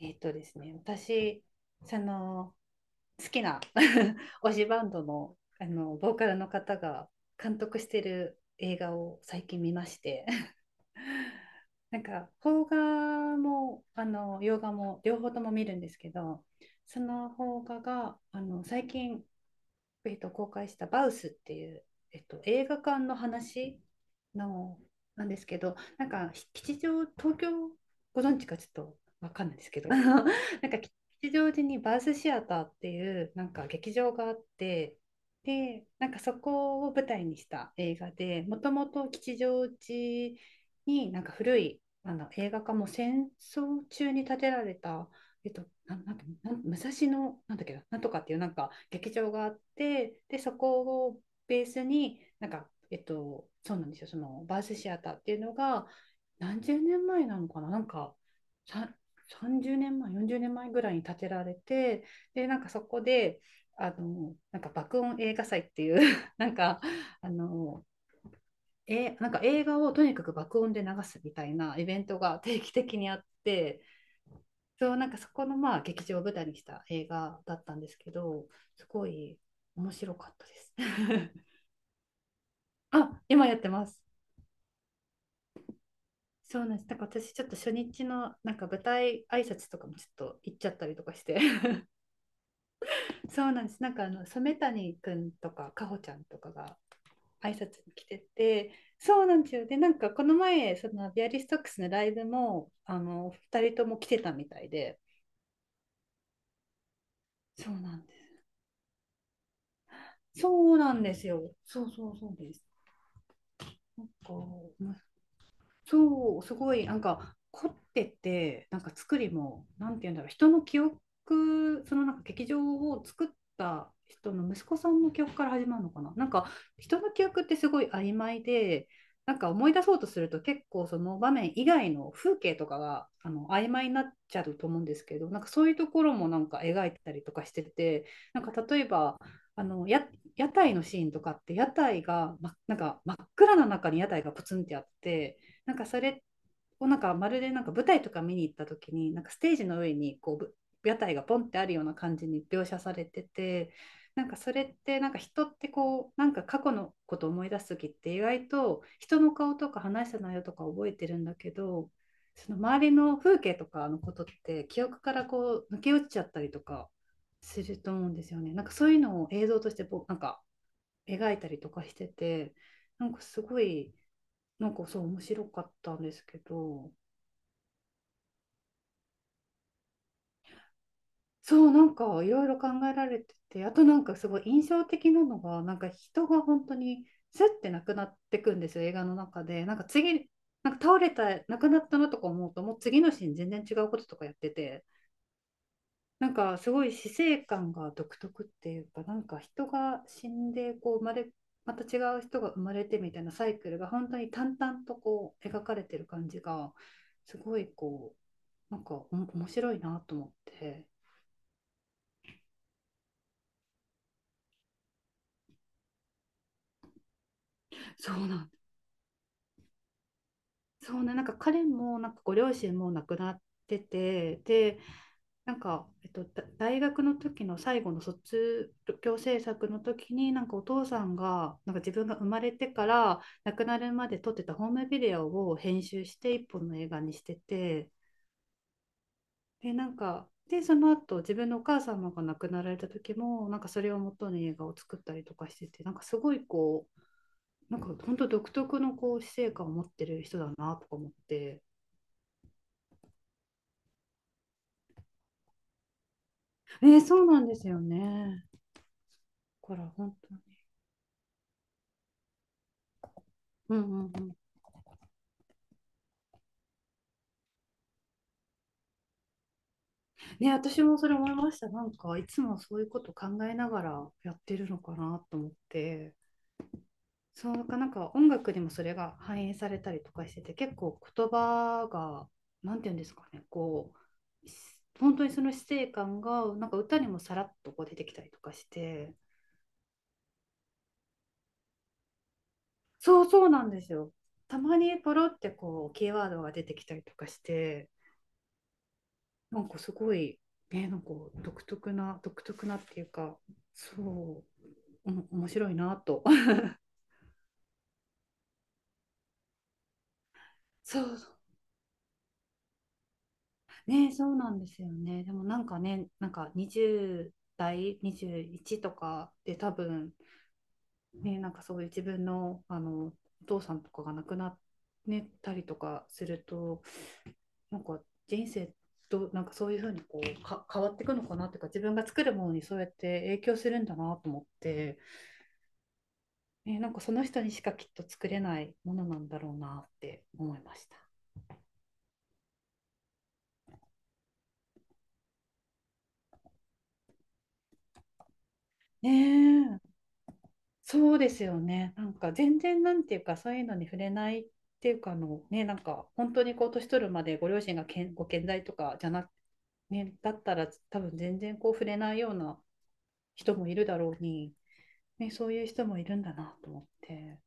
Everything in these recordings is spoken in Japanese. えっとですね、私、その好きな 推しバンドの、ボーカルの方が監督してる映画を最近見まして 邦画も洋画も両方とも見るんですけど、その邦画が最近公開したバウスっていう、映画館の話の、なんですけど、なんか吉祥、東京ご存知かちょっとわかんないですけど、なんか吉祥寺にバウスシアターっていう劇場があって、で、そこを舞台にした映画で、もともと吉祥寺に古い映画館も戦争中に建てられたえっと、ななんかなん武蔵野なんだっけな、なんとかっていう劇場があって、でそこをベースにそうなんですよ、そのバースシアターっていうのが何十年前なのかな、なんかささん30年前40年前ぐらいに建てられて、でそこで爆音映画祭っていう なんかあのえなんか映画をとにかく爆音で流すみたいなイベントが定期的にあって。そう、そこの劇場を舞台にした映画だったんですけど、すごい面白かったです。あ、今やってます。そうなんです。私ちょっと初日の舞台挨拶とかもちょっと行っちゃったりとかして、そうなんです。染谷くんとかかほちゃんとかが挨拶に来てて、そうなんですよ。で、この前、そのビアリストックスのライブも、あの、二人とも来てたみたいで、そうなんです。そうなんですよ。そうそうそうです。こう面そう、すごい、なんか、凝ってて、なんか作りも、なんて言うんだろう、人の記憶、その劇場を作った人の息子さんの記憶から始まるのかな。なんか、人の記憶ってすごい曖昧で、思い出そうとすると結構その場面以外の風景とかが曖昧になっちゃうと思うんですけど、そういうところも描いてたりとかしてて、例えばあのや屋台のシーンとかって屋台が、ま、なんか真っ暗な中に屋台がポツンってあって、それをまるで舞台とか見に行った時にステージの上にこう屋台がポンってあるような感じに描写されてて、それって人ってこう過去のことを思い出す時って意外と人の顔とか話した内容とか覚えてるんだけど、その周りの風景とかのことって記憶からこう抜け落ちちゃったりとかすると思うんですよね。そういうのを映像としてぼなんか描いたりとかしてて、なんかすごいなんかそう面白かったんですけど、そう、いろいろ考えられてて、あとすごい印象的なのが、人が本当にスッてなくなってくんですよ、映画の中で。なんか次なんか倒れた、亡くなったなとか思うと、もう次のシーン全然違うこととかやってて、すごい死生観が独特っていうか、なんか人が死んでこう生まれ、また違う人が生まれてみたいなサイクルが本当に淡々とこう描かれてる感じが、すごいこう、なんかお面白いなと思って。そうなん、そうね、彼もご両親も亡くなってて、で、大学の時の最後の卒業制作の時にお父さんが自分が生まれてから亡くなるまで撮ってたホームビデオを編集して一本の映画にしてて、でなんかでその後自分のお母様が亡くなられた時もそれを元に映画を作ったりとかしてて、すごいこう、本当独特のこう死生観を持ってる人だなとか思って。そうなんですよね。だから本当に。うんうんうんね、私もそれ思いました。なんか、いつもそういうこと考えながらやってるのかなと思って、そうか、音楽にもそれが反映されたりとかしてて、結構言葉が、なんていうんですかね、う、し本当にその死生観が、なんか歌にもさらっとこう出てきたりとかして、そうそうなんですよ。たまにポロってこう、キーワードが出てきたりとかして、なんかすごい、ね、なんか独特な、独特なっていうか、そう、面白いなと そうね、そうなんですよね。でもね、なんか20代、21とかで多分、ね、そういう自分の、お父さんとかが亡くなっ、ねたりとかすると、なんか人生どなんかそういうふうにこう変わっていくのかなっていうか、自分が作るものにそうやって影響するんだなと思って、ね、その人にしかきっと作れないものなんだろうなって思いました。ねえ、そうですよね。全然なんていうかそういうのに触れないっていうか、あのね、本当にこう年取るまでご両親がけんご健在とかじゃなくね、だったら多分全然こう触れないような人もいるだろうに、ね、そういう人もいるんだなと思って。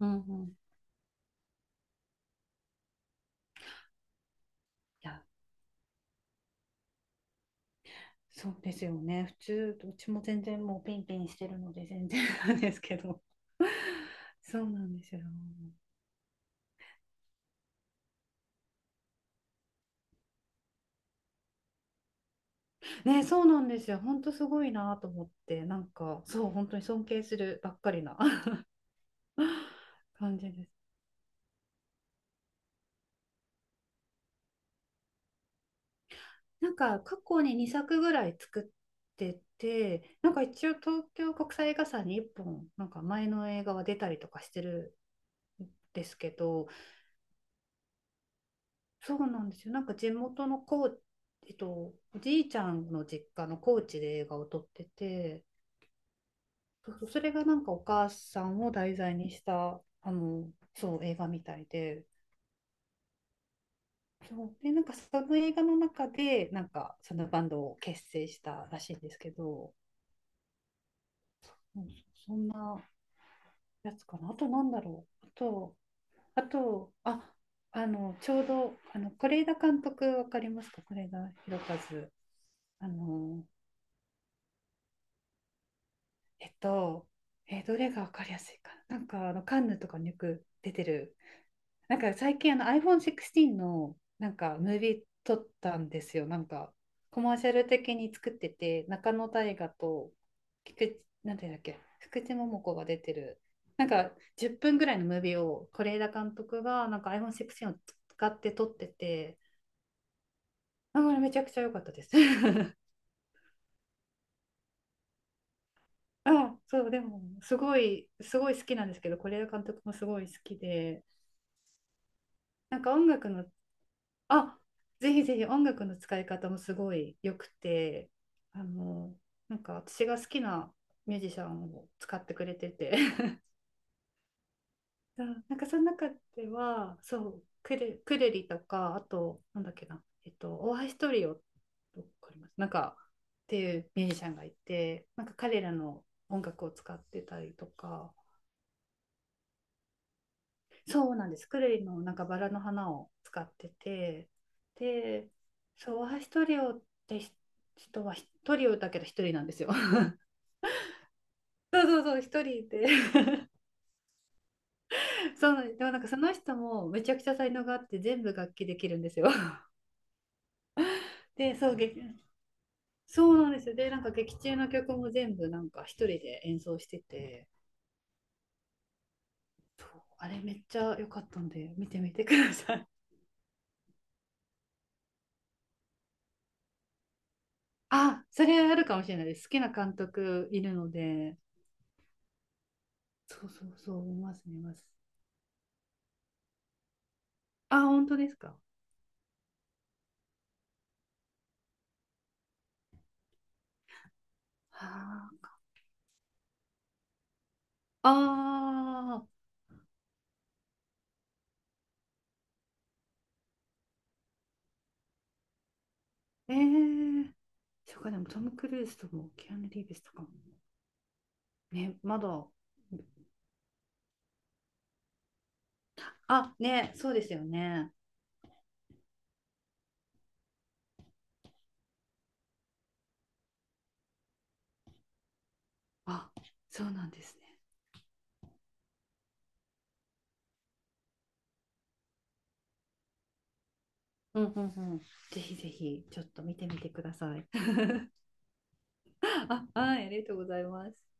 うんうん。いや、そうですよね。普通、どっちも全然もうピンピンしてるので全然なんですけど。そうなんですよ。ね、そうなんですよ。ほんとすごいなと思って、なんか、そう、本当に尊敬するばっかりな 感じです。なんか、過去に2作ぐらい作ってて、なんか一応東京国際映画祭に1本、なんか前の映画は出たりとかしてるんですけど、そうなんですよ。なんか地元の高知、えっと、おじいちゃんの実家の高知で映画を撮ってて、そうそう、それがお母さんを題材にした、あの、そう、映画みたいで、そう、で、その映画の中で、そのバンドを結成したらしいんですけど、うん、そんなやつかな。あとなんだろう。あと、ちょうど、あの、是枝監督わかりますか、是枝裕和。あの、えっと、どれがわかりやすいかな。なんかあのカンヌとかによく出てる。なんか最近あの iPhone16 のなんかムービー撮ったんですよ。なんかコマーシャル的に作ってて、中野大我と菊池、なんていうんだっけ、福地桃子が出てる。なんか10分ぐらいのムービーを是枝監督がなんか iPhone16 を使って撮ってて、あれめちゃくちゃ良かったです。あ、そう、でもすごい、すごい好きなんですけど、是枝監督もすごい好きで。なんか音楽の、あ、ぜひぜひ音楽の使い方もすごい良くて、あの、なんか私が好きなミュージシャンを使ってくれてて、そう、その中では、そう、クレリとか、あと、なんだっけな、えっと、大橋トリオ、わかりますなんか、っていうミュージシャンがいて、なんか彼らの音楽を使ってたりとか、そうなんです。クレイのなんかバラの花を使ってて、で、ソワヒトリオっては一人をだけど一人なんですよ。そうそうそう、一人で。そうなんです。でもなんかその人もめちゃくちゃ才能があって全部楽器できるんですよ。で、そう、劇、そうなんですよ。で、なんか劇中の曲も全部なんか一人で演奏してて、そう、あれめっちゃ良かったんで見てみてください。あ、それあるかもしれないです。好きな監督いるので、そう、見ます見ます。あ、本当ですか。はああー、ええそうか、でもトム・クルーズとも、キアヌ・リーブスとかも。ね、まだ。あ、ね、そうですよね。あ、そうなんですね。うんうんうん。ぜひぜひ、ちょっと見てみてください。あ、はい、ありがとうございます。